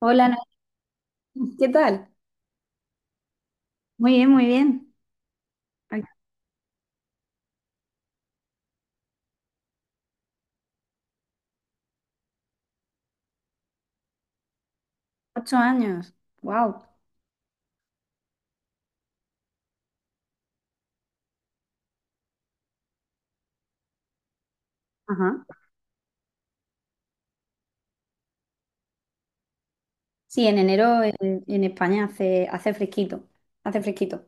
Hola, Noelia. ¿Qué tal? Muy bien, muy bien. Ay, 8 años. Wow. Ajá. Sí, en enero en España hace fresquito. Hace fresquito.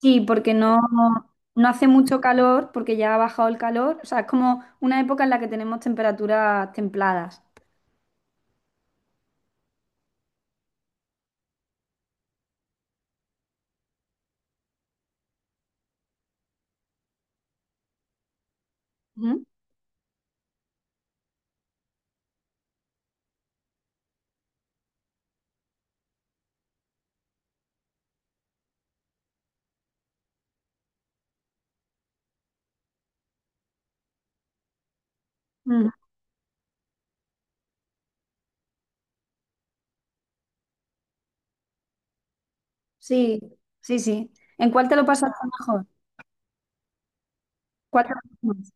Sí, porque no hace mucho calor, porque ya ha bajado el calor. O sea, es como una época en la que tenemos temperaturas templadas. Ujú. Ujú. Sí, sí, sí. ¿En cuál te lo pasaste mejor? ¿Cuál te gustó más?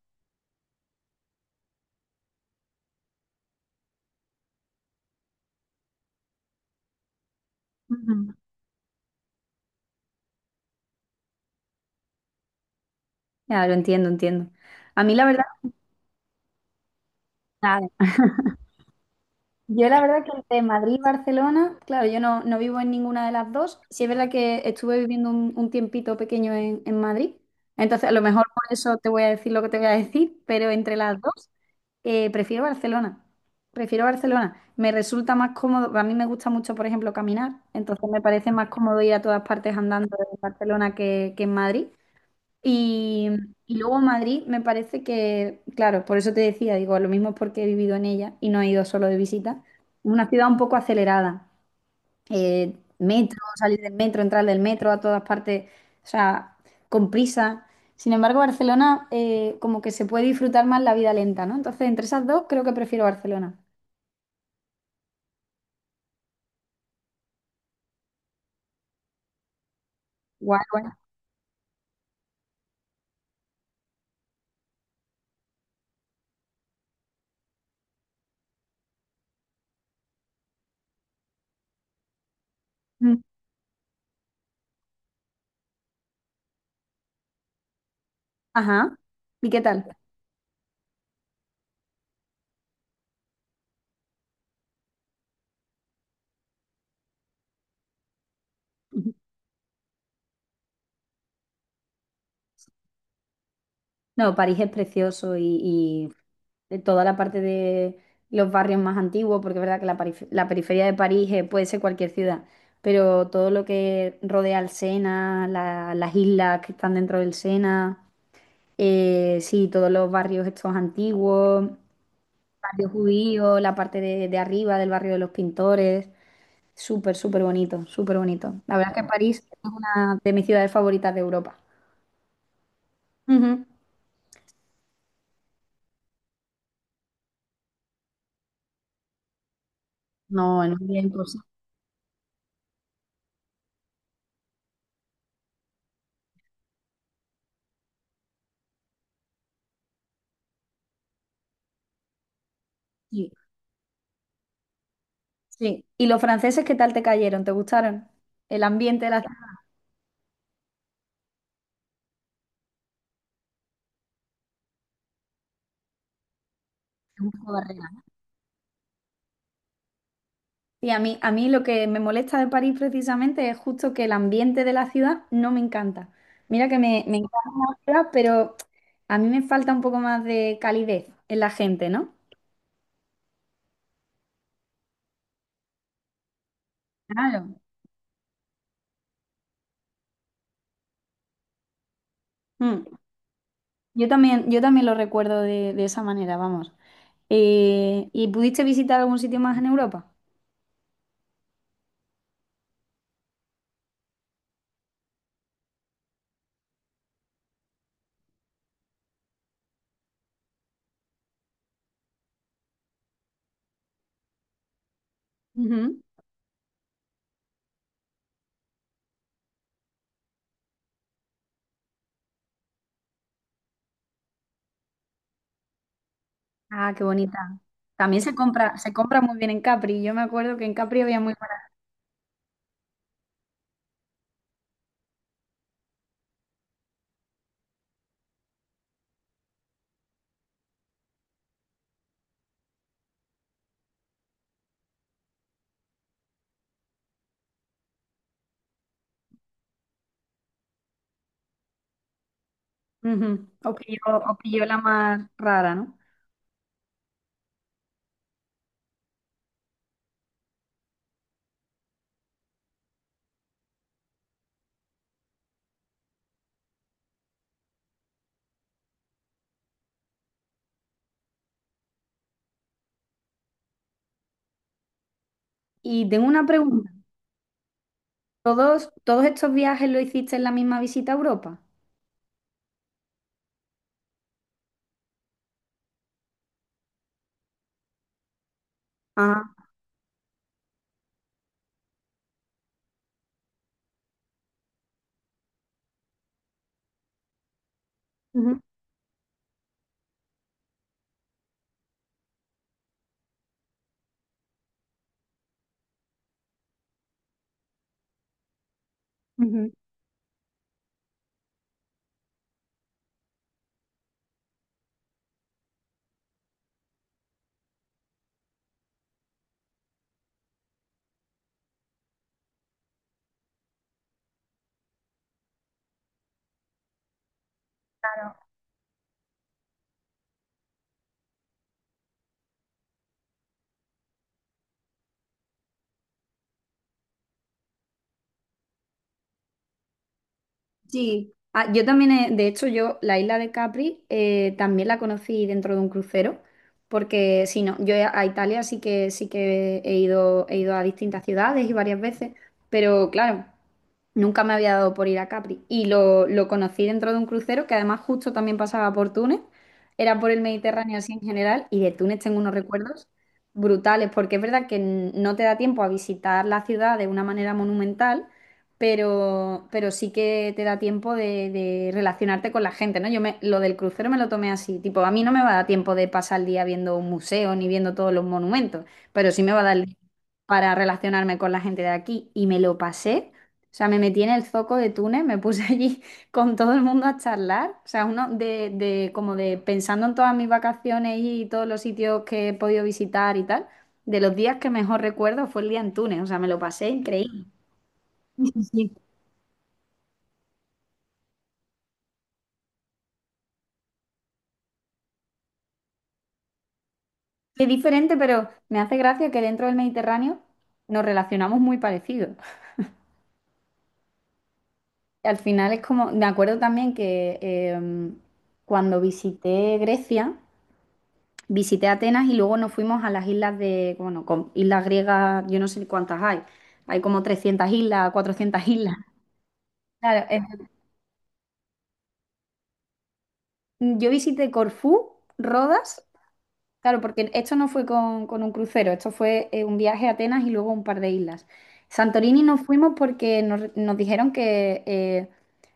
Ujú. Ya, lo entiendo, entiendo. A mí la verdad, nada. Yo la verdad que entre Madrid y Barcelona, claro, yo no vivo en ninguna de las dos. Sí es verdad que estuve viviendo un tiempito pequeño en Madrid, entonces a lo mejor por eso te voy a decir lo que te voy a decir, pero entre las dos prefiero Barcelona. Prefiero Barcelona. Me resulta más cómodo, a mí me gusta mucho, por ejemplo, caminar, entonces me parece más cómodo ir a todas partes andando en Barcelona que en Madrid. Y, y luego Madrid me parece que, claro, por eso te decía, digo, lo mismo es porque he vivido en ella y no he ido solo de visita, es una ciudad un poco acelerada. Metro, salir del metro, entrar del metro a todas partes, o sea, con prisa. Sin embargo, Barcelona como que se puede disfrutar más la vida lenta, ¿no? Entonces, entre esas dos, creo que prefiero Barcelona. Guay, guay. Mm. Ajá. ¿Y qué tal? No, París es precioso y de toda la parte de los barrios más antiguos, porque es verdad que la periferia de París puede ser cualquier ciudad, pero todo lo que rodea el Sena, las islas que están dentro del Sena, sí, todos los barrios estos antiguos, barrio judío, la parte de arriba del barrio de los pintores, súper, súper bonito, súper bonito. La verdad es que París es una de mis ciudades favoritas de Europa. Ujú. No, en un día imposible. Sí. ¿Y los franceses qué tal te cayeron? ¿Te gustaron? El ambiente de la ciudad es un poco barrera, ¿no? Sí, a mí lo que me molesta de París precisamente es justo que el ambiente de la ciudad no me encanta. Mira que me encanta la ciudad, pero a mí me falta un poco más de calidez en la gente, ¿no? Claro. Mm. Yo también lo recuerdo de esa manera, vamos. ¿Y pudiste visitar algún sitio más en Europa? Ujú. Ah, qué bonita. También se compra muy bien en Capri. Yo me acuerdo que en Capri había muy ujú. O pilló la más rara, ¿no? Y tengo una pregunta. ¿Todos, todos estos viajes lo hiciste en la misma visita a Europa? Ah, ujú, ujú. Sí. Ah, yo también, de hecho, yo la isla de Capri también la conocí dentro de un crucero, porque si no, yo a Italia sí que he ido a distintas ciudades y varias veces, pero claro. Nunca me había dado por ir a Capri y lo conocí dentro de un crucero que además justo también pasaba por Túnez, era por el Mediterráneo así en general y de Túnez tengo unos recuerdos brutales porque es verdad que no te da tiempo a visitar la ciudad de una manera monumental, pero sí que te da tiempo de relacionarte con la gente, ¿no? Lo del crucero me lo tomé así, tipo, a mí no me va a dar tiempo de pasar el día viendo un museo ni viendo todos los monumentos, pero sí me va a dar el para relacionarme con la gente de aquí y me lo pasé, o sea, me metí en el zoco de Túnez, me puse allí con todo el mundo a charlar. O sea, uno como de pensando en todas mis vacaciones y todos los sitios que he podido visitar y tal. De los días que mejor recuerdo fue el día en Túnez. O sea, me lo pasé increíble. Es diferente, pero me hace gracia que dentro del Mediterráneo nos relacionamos muy parecidos. Al final es como, me acuerdo también que em, cuando visité Grecia. Visité Atenas y luego nos fuimos a las islas de, bueno, con islas griegas, yo no sé cuántas hay. Hay como 300 islas, 400 islas. Claro, yo visité Corfú, Rodas, claro, porque esto no fue con un crucero, esto fue un viaje a Atenas y luego un par de islas. Santorini nos fuimos porque nos dijeron que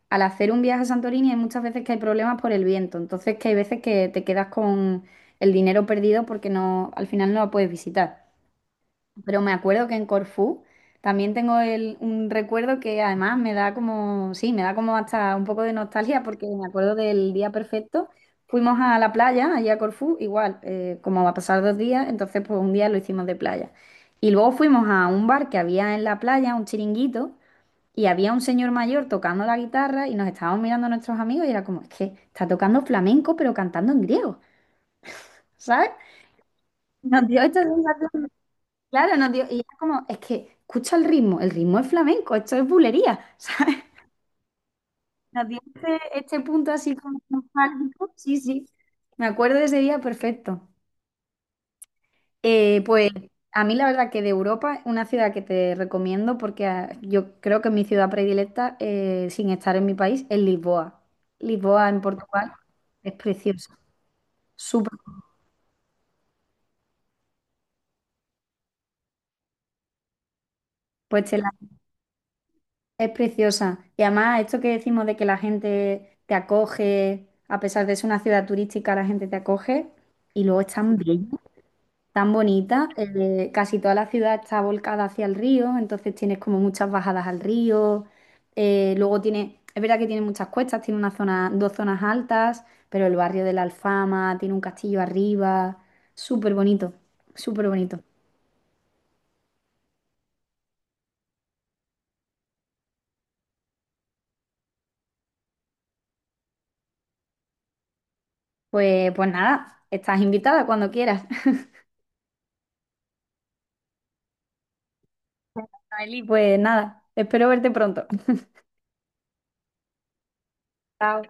al hacer un viaje a Santorini hay muchas veces que hay problemas por el viento, entonces que hay veces que te quedas con el dinero perdido porque no, al final no la puedes visitar. Pero me acuerdo que en Corfú también tengo un recuerdo que además me da como, sí, me da como hasta un poco de nostalgia porque me acuerdo del día perfecto. Fuimos a la playa, allí a Corfú, igual, como va a pasar 2 días, entonces pues un día lo hicimos de playa. Y luego fuimos a un bar que había en la playa, un chiringuito, y había un señor mayor tocando la guitarra y nos estábamos mirando a nuestros amigos y era como, es que está tocando flamenco pero cantando en griego, ¿sabes? Nos dio esta sensación. Claro, nos dio, y era como, es que escucha el ritmo es flamenco, esto es bulería, ¿sabes? Nos dio este, este punto así como nostálgico, sí, sí, me acuerdo de ese día perfecto. Pues a mí la verdad que de Europa, una ciudad que te recomiendo, porque ah, yo creo que mi ciudad predilecta, sin estar en mi país, es Lisboa. Lisboa en Portugal es preciosa, súper, pues te la. Es preciosa. Y además, esto que decimos de que la gente te acoge, a pesar de ser una ciudad turística, la gente te acoge. Y luego es tan bella, tan bonita. Eh, casi toda la ciudad está volcada hacia el río, entonces tienes como muchas bajadas al río. Eh, luego tiene, es verdad que tiene muchas cuestas, tiene una zona, dos zonas altas, pero el barrio de la Alfama tiene un castillo arriba. Súper bonito, súper bonito. Pues, pues nada, estás invitada cuando quieras. Noeli, pues nada, espero verte pronto. Chao.